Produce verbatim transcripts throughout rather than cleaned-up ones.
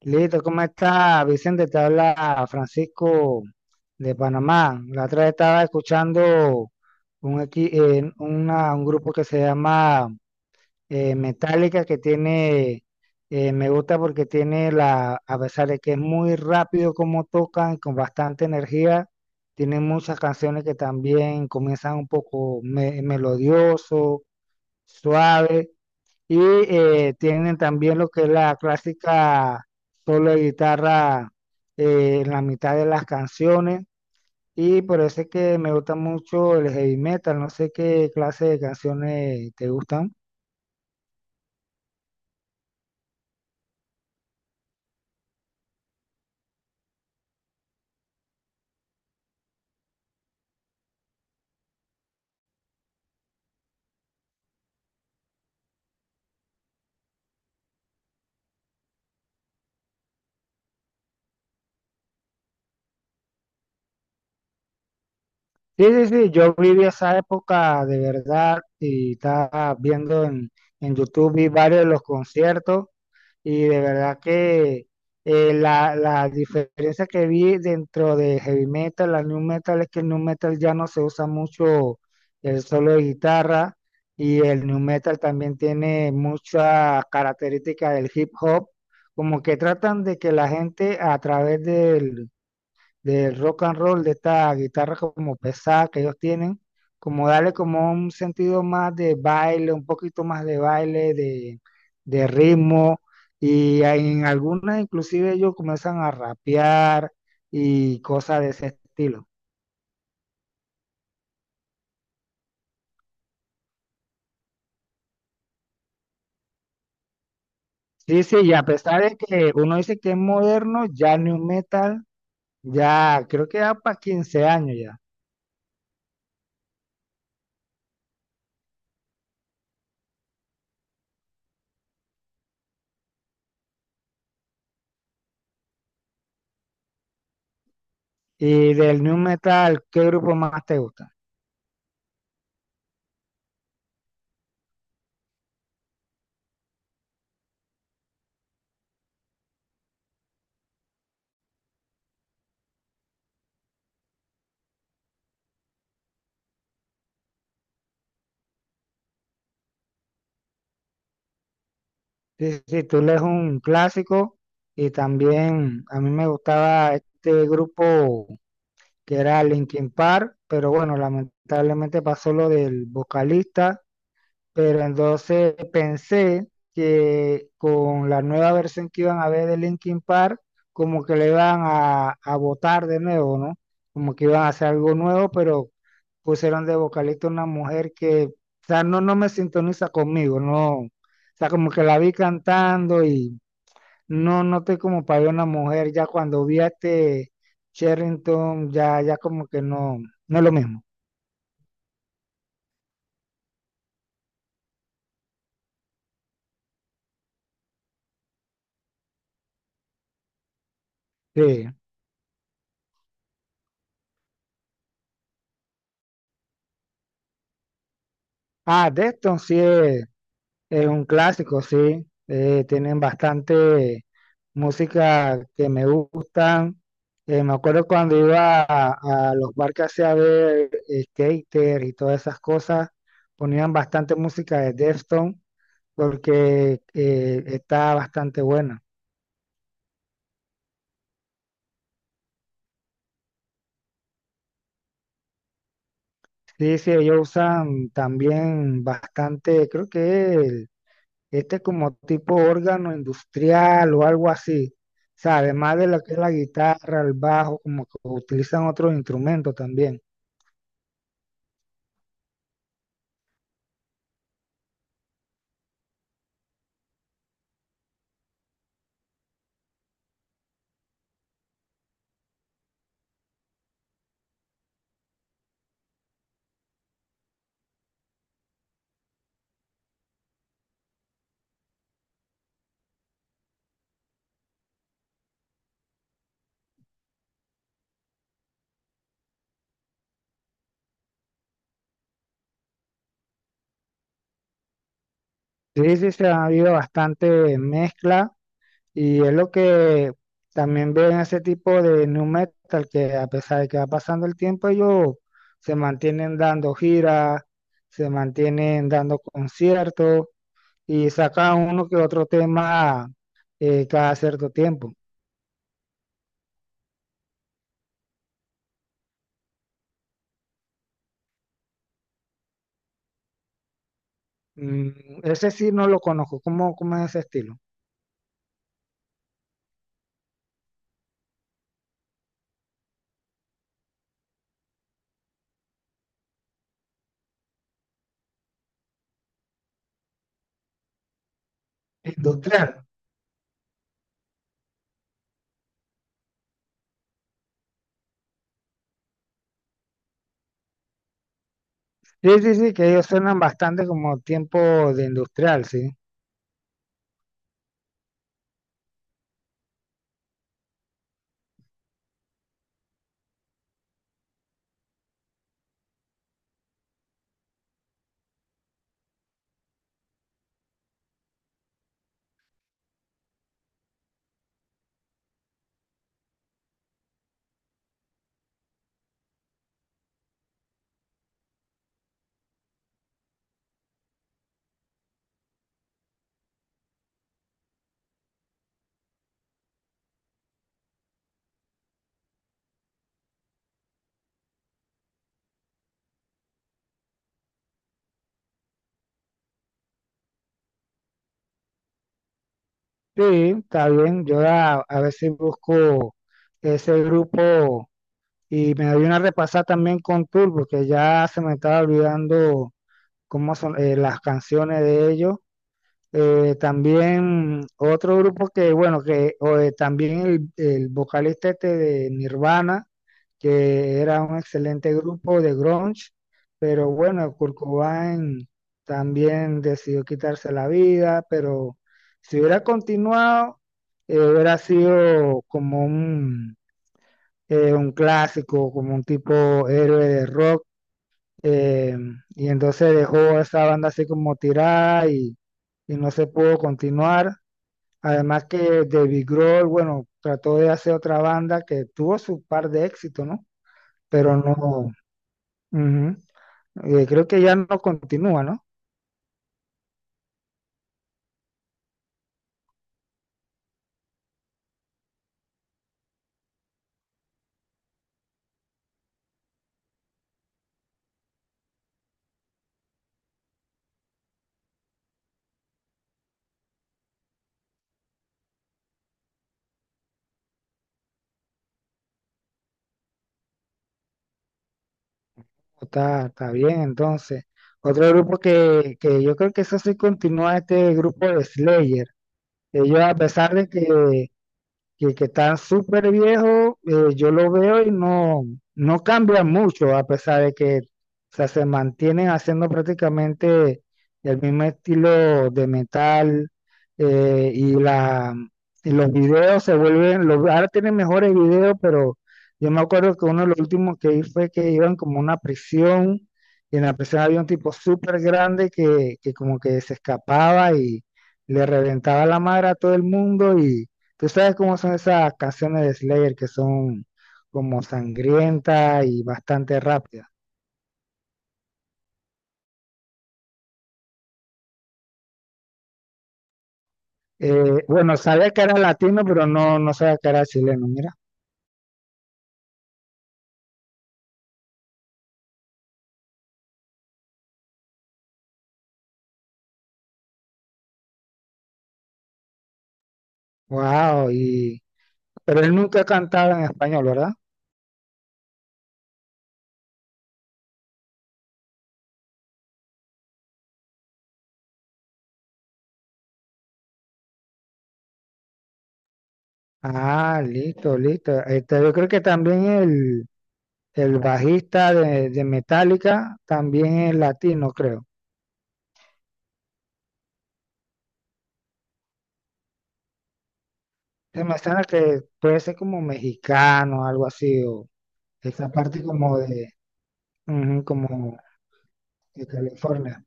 Listo, ¿cómo está Vicente? Te habla Francisco de Panamá. La otra vez estaba escuchando un, equi- eh, una- un grupo que se llama eh, Metallica que tiene, eh, me gusta porque tiene la, a pesar de que es muy rápido como tocan, con bastante energía, tienen muchas canciones que también comienzan un poco me- melodioso, suave. Y eh, tienen también lo que es la clásica solo de guitarra eh, en la mitad de las canciones. Y por eso es que me gusta mucho el heavy metal. No sé qué clase de canciones te gustan. Sí, sí, sí. Yo viví esa época de verdad y estaba viendo en, en YouTube, vi varios de los conciertos. Y de verdad que eh, la, la diferencia que vi dentro de heavy metal a new metal es que el new metal ya no se usa mucho el solo de guitarra, y el new metal también tiene mucha característica del hip hop, como que tratan de que la gente a través del del rock and roll, de esta guitarra como pesada que ellos tienen, como darle como un sentido más de baile, un poquito más de baile, de, de ritmo, y en algunas inclusive ellos comienzan a rapear y cosas de ese estilo. Sí, sí, y a pesar de que uno dice que es moderno, ya new metal, ya creo que ya para quince años ya. Y del new metal, ¿qué grupo más te gusta? Sí, sí, Tool es un clásico y también a mí me gustaba este grupo que era Linkin Park, pero bueno, lamentablemente pasó lo del vocalista, pero entonces pensé que con la nueva versión que iban a ver de Linkin Park, como que le iban a, a botar de nuevo, ¿no? Como que iban a hacer algo nuevo, pero pusieron de vocalista una mujer que, o sea, no, no me sintoniza conmigo, no. O sea, como que la vi cantando y no noté como para ver una mujer, ya cuando vi a este Sherrington, ya, ya como que no, no es lo mismo. Sí. Ah, Deston sí es. Es un clásico, sí. Eh, tienen bastante música que me gustan. Eh, me acuerdo cuando iba a, a los barcos a ver eh, skater y todas esas cosas, ponían bastante música de Deftones porque eh, está bastante buena. Sí, sí, ellos usan también bastante, creo que este es como tipo órgano industrial o algo así, ¿sabes? Más de lo que es la guitarra, el bajo, como que utilizan otros instrumentos también. Sí, sí, se ha habido bastante mezcla y es lo que también veo en ese tipo de nu metal, que a pesar de que va pasando el tiempo, ellos se mantienen dando giras, se mantienen dando conciertos y sacan uno que otro tema eh, cada cierto tiempo. Mm, ese sí no lo conozco. ¿Cómo, cómo es ese estilo? Industrial. Sí, sí, sí, que ellos suenan bastante como tiempo de industrial, sí. Sí, está bien. Yo a, a ver si busco ese grupo y me doy una repasada también con Tool, porque ya se me estaba olvidando cómo son eh, las canciones de ellos. Eh, también otro grupo que, bueno, que o, eh, también el, el vocalista este de Nirvana, que era un excelente grupo de grunge, pero bueno, Kurt Cobain también decidió quitarse la vida, pero si hubiera continuado, eh, hubiera sido como un, eh, un clásico, como un tipo héroe de rock eh, y entonces dejó esa banda así como tirada y, y no se pudo continuar. Además que David Grohl, bueno, trató de hacer otra banda que tuvo su par de éxito, ¿no? Pero no, ujú. Eh, creo que ya no continúa, ¿no? Está, está bien, entonces. Otro grupo que, que yo creo que eso sí continúa, este grupo de Slayer. Ellos, a pesar de que que, que está súper viejo, eh, yo lo veo y no, no cambia mucho, a pesar de que o sea, se mantienen haciendo prácticamente el mismo estilo de metal eh, y, la, y los videos se vuelven, los, ahora tienen mejores videos, pero yo me acuerdo que uno de los últimos que vi fue que iban como a una prisión y en la prisión había un tipo súper grande que, que como que se escapaba y le reventaba la madre a todo el mundo y tú sabes cómo son esas canciones de Slayer que son como sangrientas y bastante rápidas. Eh, bueno, sabía que era latino, pero no, no sabía que era chileno, mira. Wow, y pero él nunca ha cantado en español, ¿verdad? Ah, listo, listo. Este, yo creo que también el, el bajista de, de Metallica también es latino, creo. Se me suena que puede ser como mexicano, algo así, o esa parte como de, ujú, como de California.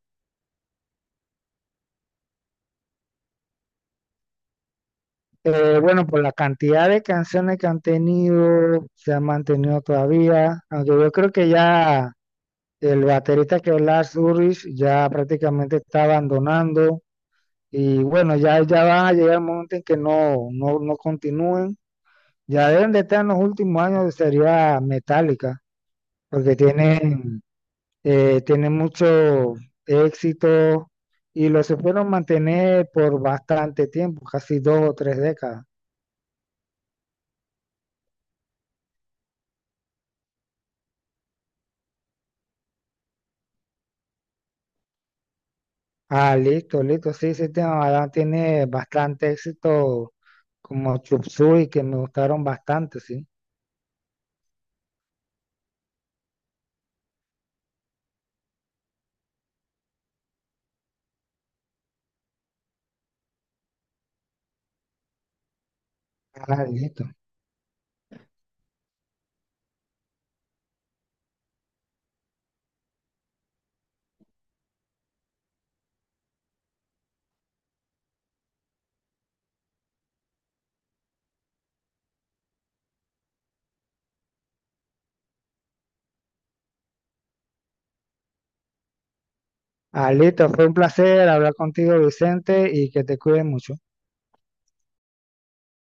Eh, bueno, por la cantidad de canciones que han tenido, se han mantenido todavía, aunque yo creo que ya el baterista que es Lars Ulrich ya prácticamente está abandonando y bueno, ya, ya van a llegar el momento en que no, no, no continúen, ya deben de estar en los últimos años de sería metálica, porque tienen, eh, tienen mucho éxito y lo supieron mantener por bastante tiempo, casi dos o tres décadas. Ah, listo, listo. Sí, sí, tiene, la verdad, tiene bastante éxito como Chup Suey, que me gustaron bastante, sí. Ah, listo. Ah, listo. Fue un placer hablar contigo, Vicente, y que te cuides mucho.